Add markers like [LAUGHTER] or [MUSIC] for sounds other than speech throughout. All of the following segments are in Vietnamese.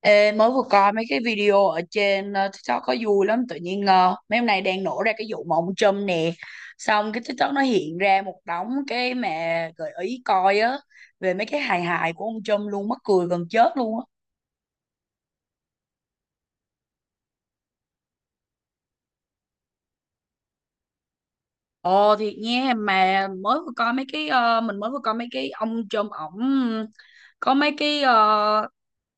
Ê, mới vừa coi mấy cái video ở trên TikTok có vui lắm tự nhiên mấy hôm nay đang nổ ra cái vụ mà ông Trump nè, xong cái TikTok nó hiện ra một đống cái mà gợi ý coi á, về mấy cái hài hài của ông Trump luôn, mắc cười gần chết luôn á. Ồ thiệt nha, mà mới vừa coi mấy cái mình mới vừa coi mấy cái ông Trump ổng có mấy cái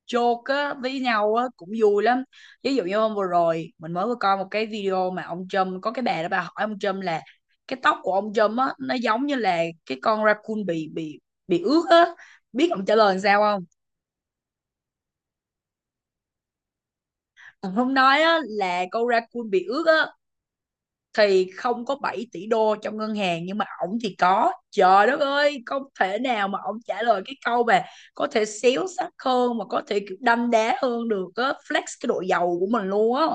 joke á, với nhau á, cũng vui lắm. Ví dụ như hôm vừa rồi mình mới vừa coi một cái video mà ông Trump có cái bà đó bà hỏi ông Trump là cái tóc của ông Trump á, nó giống như là cái con raccoon bị bị ướt á, biết ông trả lời làm sao không? Ông không nói á là con raccoon bị ướt á thì không có 7 tỷ đô trong ngân hàng, nhưng mà ổng thì có. Trời đất ơi, không thể nào mà ổng trả lời cái câu mà có thể xéo sắc hơn, mà có thể kiểu đâm đá hơn được á, flex cái độ giàu của mình luôn á.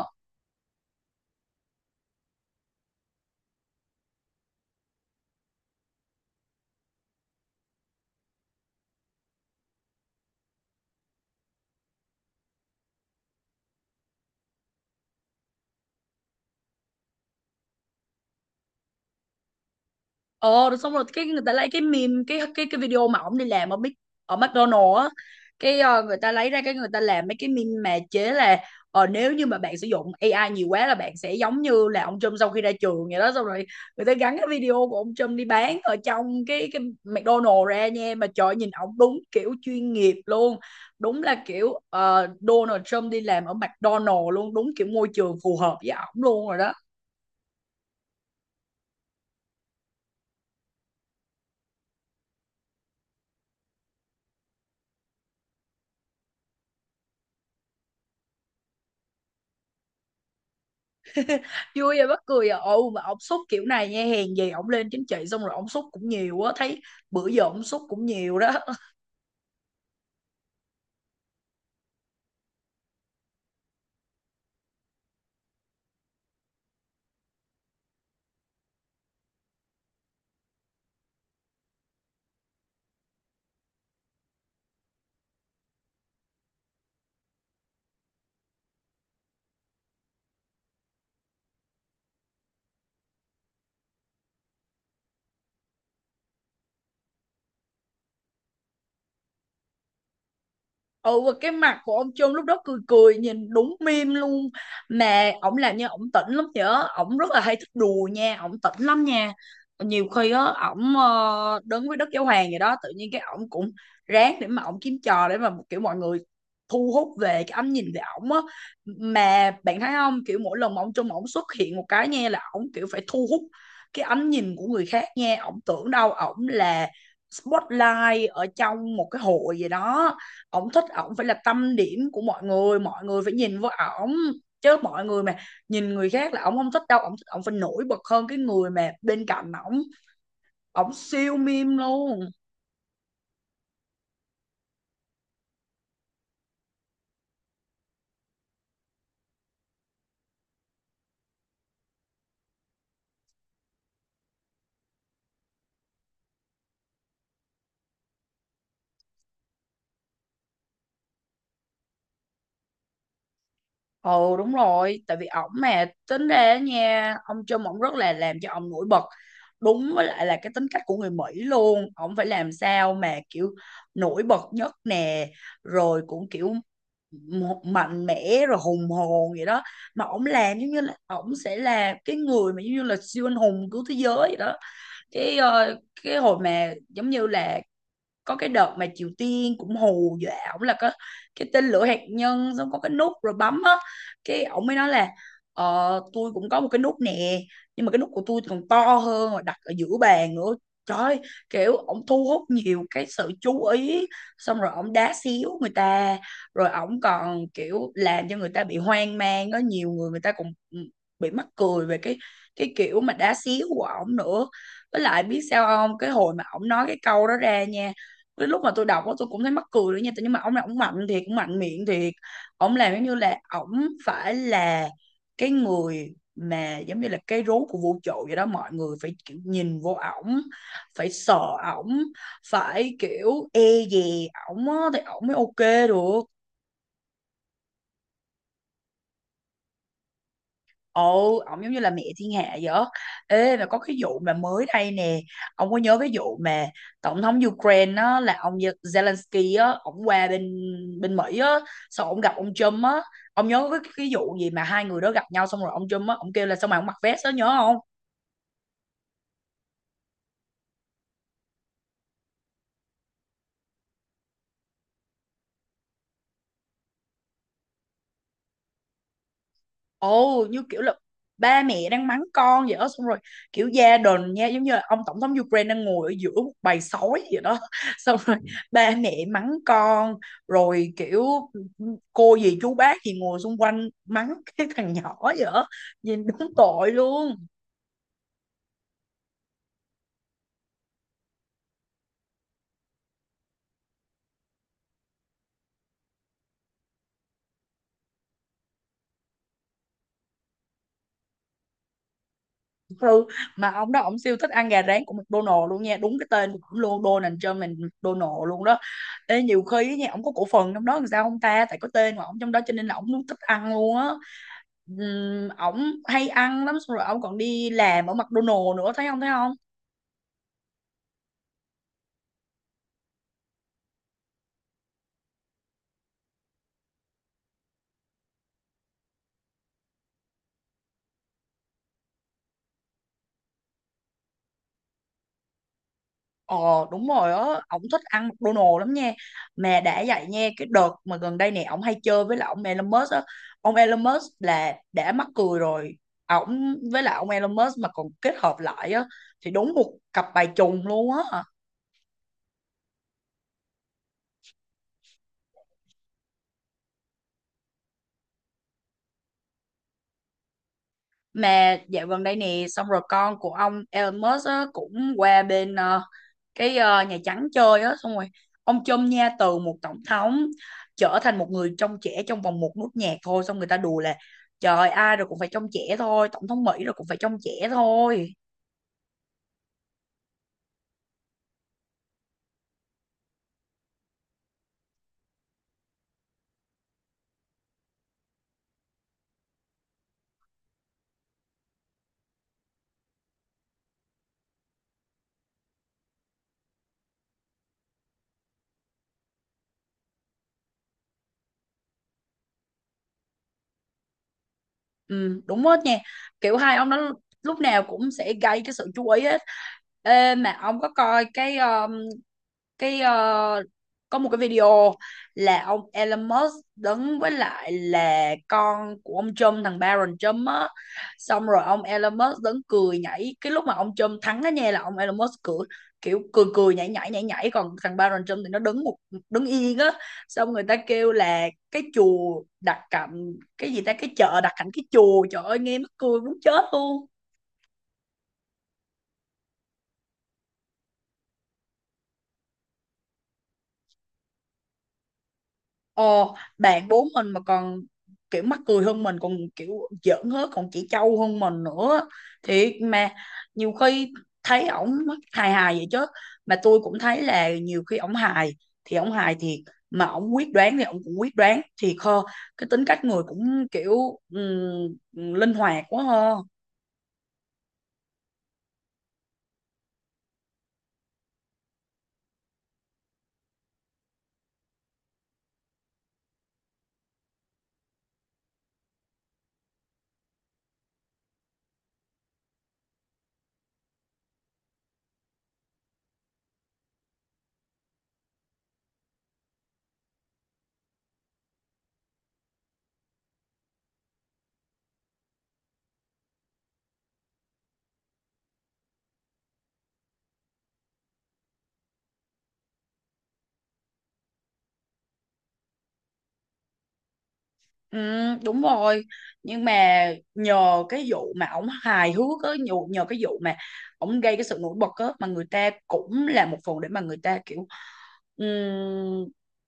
Ờ rồi xong rồi cái người ta lấy cái meme, cái video mà ổng đi làm ở ở McDonald's á, người ta lấy ra cái người ta làm mấy cái meme mà chế là nếu như mà bạn sử dụng AI nhiều quá là bạn sẽ giống như là ông Trump sau khi ra trường vậy đó. Xong rồi người ta gắn cái video của ông Trump đi bán ở trong cái McDonald's ra nha. Mà trời ơi, nhìn ổng đúng kiểu chuyên nghiệp luôn, đúng là kiểu Donald Trump đi làm ở McDonald's luôn, đúng kiểu môi trường phù hợp với ổng luôn rồi đó. Vui và mắc cười à, ồ mà ông xúc kiểu này nha, hèn gì ông lên chính trị xong rồi ông xúc cũng nhiều á thấy, bữa giờ ông xúc cũng nhiều đó. Ừ, và cái mặt của ông Trung lúc đó cười cười nhìn đúng meme luôn, mà ổng làm như ổng tỉnh lắm nhở, ổng rất là hay thích đùa nha, ổng tỉnh lắm nha. Nhiều khi á, ổng đứng với Đức Giáo Hoàng vậy đó, tự nhiên cái ổng cũng ráng để mà ổng kiếm trò để mà kiểu mọi người thu hút về cái ánh nhìn về ổng á. Mà bạn thấy không, kiểu mỗi lần mà ông Trung ổng xuất hiện một cái nha là ổng kiểu phải thu hút cái ánh nhìn của người khác nha, ổng tưởng đâu ổng là spotlight ở trong một cái hội gì đó. Ổng thích ổng phải là tâm điểm của mọi người, mọi người phải nhìn vào ổng, chứ mọi người mà nhìn người khác là ổng không thích đâu. Ổng thích ổng phải nổi bật hơn cái người mà bên cạnh ổng, ổng siêu meme luôn. Ừ, đúng rồi, tại vì ổng mà tính ra á nha, ông Trump ổng rất là làm cho ông nổi bật. Đúng với lại là cái tính cách của người Mỹ luôn, ổng phải làm sao mà kiểu nổi bật nhất nè, rồi cũng kiểu một mạnh mẽ rồi hùng hồn vậy đó. Mà ổng làm giống như là ổng sẽ là cái người mà giống như là siêu anh hùng của thế giới vậy đó. Cái ờ, cái hồi mà giống như là có cái đợt mà Triều Tiên cũng hù dọa ổng là có cái tên lửa hạt nhân, xong có cái nút rồi bấm á, cái ổng mới nói là ờ, tôi cũng có một cái nút nè, nhưng mà cái nút của tôi còn to hơn mà đặt ở giữa bàn nữa. Trời ơi, kiểu ổng thu hút nhiều cái sự chú ý, xong rồi ổng đá xíu người ta, rồi ổng còn kiểu làm cho người ta bị hoang mang. Có nhiều người người ta cũng bị mắc cười về cái kiểu mà đá xíu của ổng nữa. Với lại biết sao không, cái hồi mà ổng nói cái câu đó ra nha, đến lúc mà tôi đọc đó, tôi cũng thấy mắc cười nữa nha, nhưng mà ông này ông mạnh thiệt, cũng mạnh miệng thiệt. Ông làm giống như là ông phải là cái người mà giống như là cái rốn của vũ trụ vậy đó, mọi người phải kiểu nhìn vô ổng, phải sợ ổng, phải kiểu e dè ổng á thì ổng mới ok được. Ồ, ông giống như là mẹ thiên hạ vậy á. Ê, mà có cái vụ mà mới đây nè, ông có nhớ cái vụ mà tổng thống Ukraine á, là ông Zelensky á, ông qua bên bên Mỹ á, xong ông gặp ông Trump á, ông nhớ cái vụ gì mà hai người đó gặp nhau, xong rồi ông Trump á, ông kêu là sao mà ông mặc vest đó nhớ không? Ồ, như kiểu là ba mẹ đang mắng con vậy đó, xong rồi kiểu gia đình nha, giống như là ông tổng thống Ukraine đang ngồi ở giữa một bầy sói vậy đó. [LAUGHS] Xong rồi ba mẹ mắng con, rồi kiểu cô dì chú bác thì ngồi xung quanh mắng cái thằng nhỏ vậy đó, nhìn đúng tội luôn. Ừ, mà ông đó ông siêu thích ăn gà rán của McDonald luôn nha, đúng cái tên của ổng luôn, Donald Trump là McDonald luôn đó. Ê, nhiều khi á nha ổng có cổ phần trong đó làm sao không ta, tại có tên của ổng trong đó cho nên là ổng luôn thích ăn luôn á. Ổng hay ăn lắm, xong rồi ổng còn đi làm ở McDonald nữa, thấy không thấy không? Ờ, đúng rồi á, ổng thích ăn McDonald's lắm nha. Mà đã vậy nha, cái đợt mà gần đây này ổng hay chơi với lại ông Elon Musk á. Ông Elon Musk là đã mắc cười rồi. À, ổng với lại ông Elon Musk mà còn kết hợp lại á thì đúng một cặp bài trùng luôn á. Mà dạo gần đây nè, xong rồi con của ông Elon Musk á cũng qua bên Nhà Trắng chơi á, xong rồi ông Trump nha, từ một tổng thống trở thành một người trong trẻ trong vòng một nốt nhạc thôi. Xong người ta đùa là trời ơi, ai rồi cũng phải trong trẻ thôi, tổng thống Mỹ rồi cũng phải trong trẻ thôi. Ừ, đúng hết nha, kiểu hai ông đó lúc nào cũng sẽ gây cái sự chú ý hết. Ê, mà ông có coi cái cái ờ, có một cái video là ông Elon Musk đứng với lại là con của ông Trump, thằng Barron Trump á, xong rồi ông Elon Musk đứng cười nhảy cái lúc mà ông Trump thắng á nha, là ông Elon Musk cười kiểu cười cười nhảy nhảy nhảy nhảy còn thằng Barron Trump thì nó đứng đứng yên á. Xong người ta kêu là cái chùa đặt cạnh cái gì ta, cái chợ đặt cạnh cái chùa, trời ơi nghe mắc cười muốn chết luôn. Ồ, bạn bốn mình mà còn kiểu mắc cười hơn mình, còn kiểu giỡn hết, còn chỉ trâu hơn mình nữa. Thì mà nhiều khi thấy ổng hài hài vậy chứ, mà tôi cũng thấy là nhiều khi ổng hài thì ổng hài thiệt, mà ổng quyết đoán thì ổng cũng quyết đoán thiệt hơn. Cái tính cách người cũng kiểu linh hoạt quá ha. Ừ, đúng rồi, nhưng mà nhờ cái vụ mà ổng hài hước á, nhờ cái vụ mà ổng gây cái sự nổi bật á, mà người ta cũng là một phần để mà người ta kiểu ừm,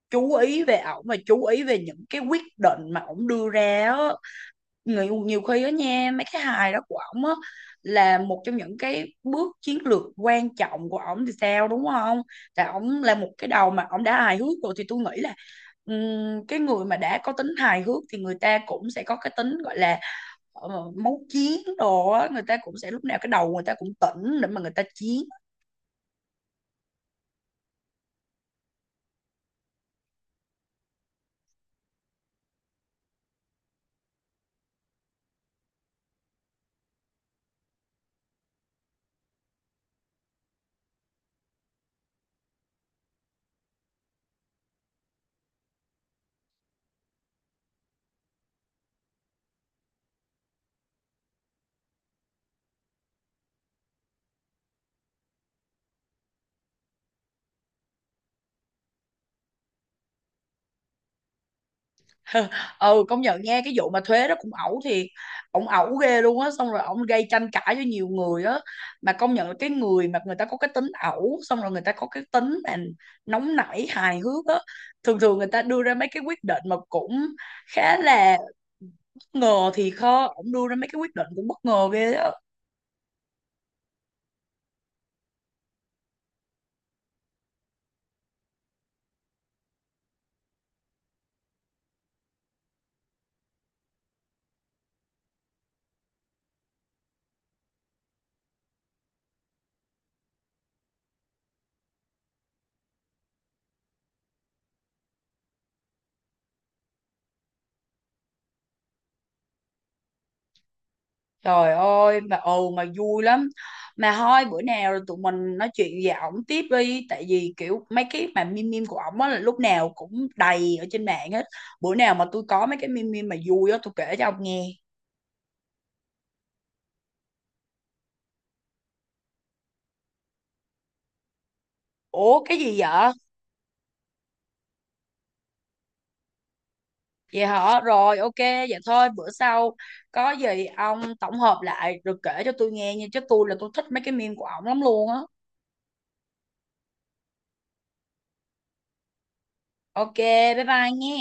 chú ý về ổng và chú ý về những cái quyết định mà ổng đưa ra á. Người nhiều khi á nha, mấy cái hài đó của ổng á là một trong những cái bước chiến lược quan trọng của ổng thì sao, đúng không? Tại ổng là một cái đầu mà ổng đã hài hước rồi thì tôi nghĩ là, ừm, cái người mà đã có tính hài hước thì người ta cũng sẽ có cái tính gọi là ờ, máu chiến đồ á, người ta cũng sẽ lúc nào cái đầu người ta cũng tỉnh để mà người ta chiến. [LAUGHS] Ừ, công nhận nghe cái vụ mà thuế đó cũng ẩu thiệt, ổng ẩu ghê luôn á, xong rồi ổng gây tranh cãi với nhiều người á. Mà công nhận là cái người mà người ta có cái tính ẩu, xong rồi người ta có cái tính mà nóng nảy hài hước á, thường thường người ta đưa ra mấy cái quyết định mà cũng khá là bất ngờ, thì khó ổng đưa ra mấy cái quyết định cũng bất ngờ ghê á. Trời ơi mà ừ, mà vui lắm. Mà thôi bữa nào tụi mình nói chuyện về ổng tiếp đi. Tại vì kiểu mấy cái mà meme meme của ổng á là lúc nào cũng đầy ở trên mạng hết. Bữa nào mà tôi có mấy cái meme meme mà vui á tôi kể cho ông nghe. Ủa cái gì vậy? Vậy hả? Rồi ok vậy thôi bữa sau có gì ông tổng hợp lại rồi kể cho tôi nghe nha. Chứ tôi là tôi thích mấy cái meme của ổng lắm luôn á. Ok, bye bye nghe.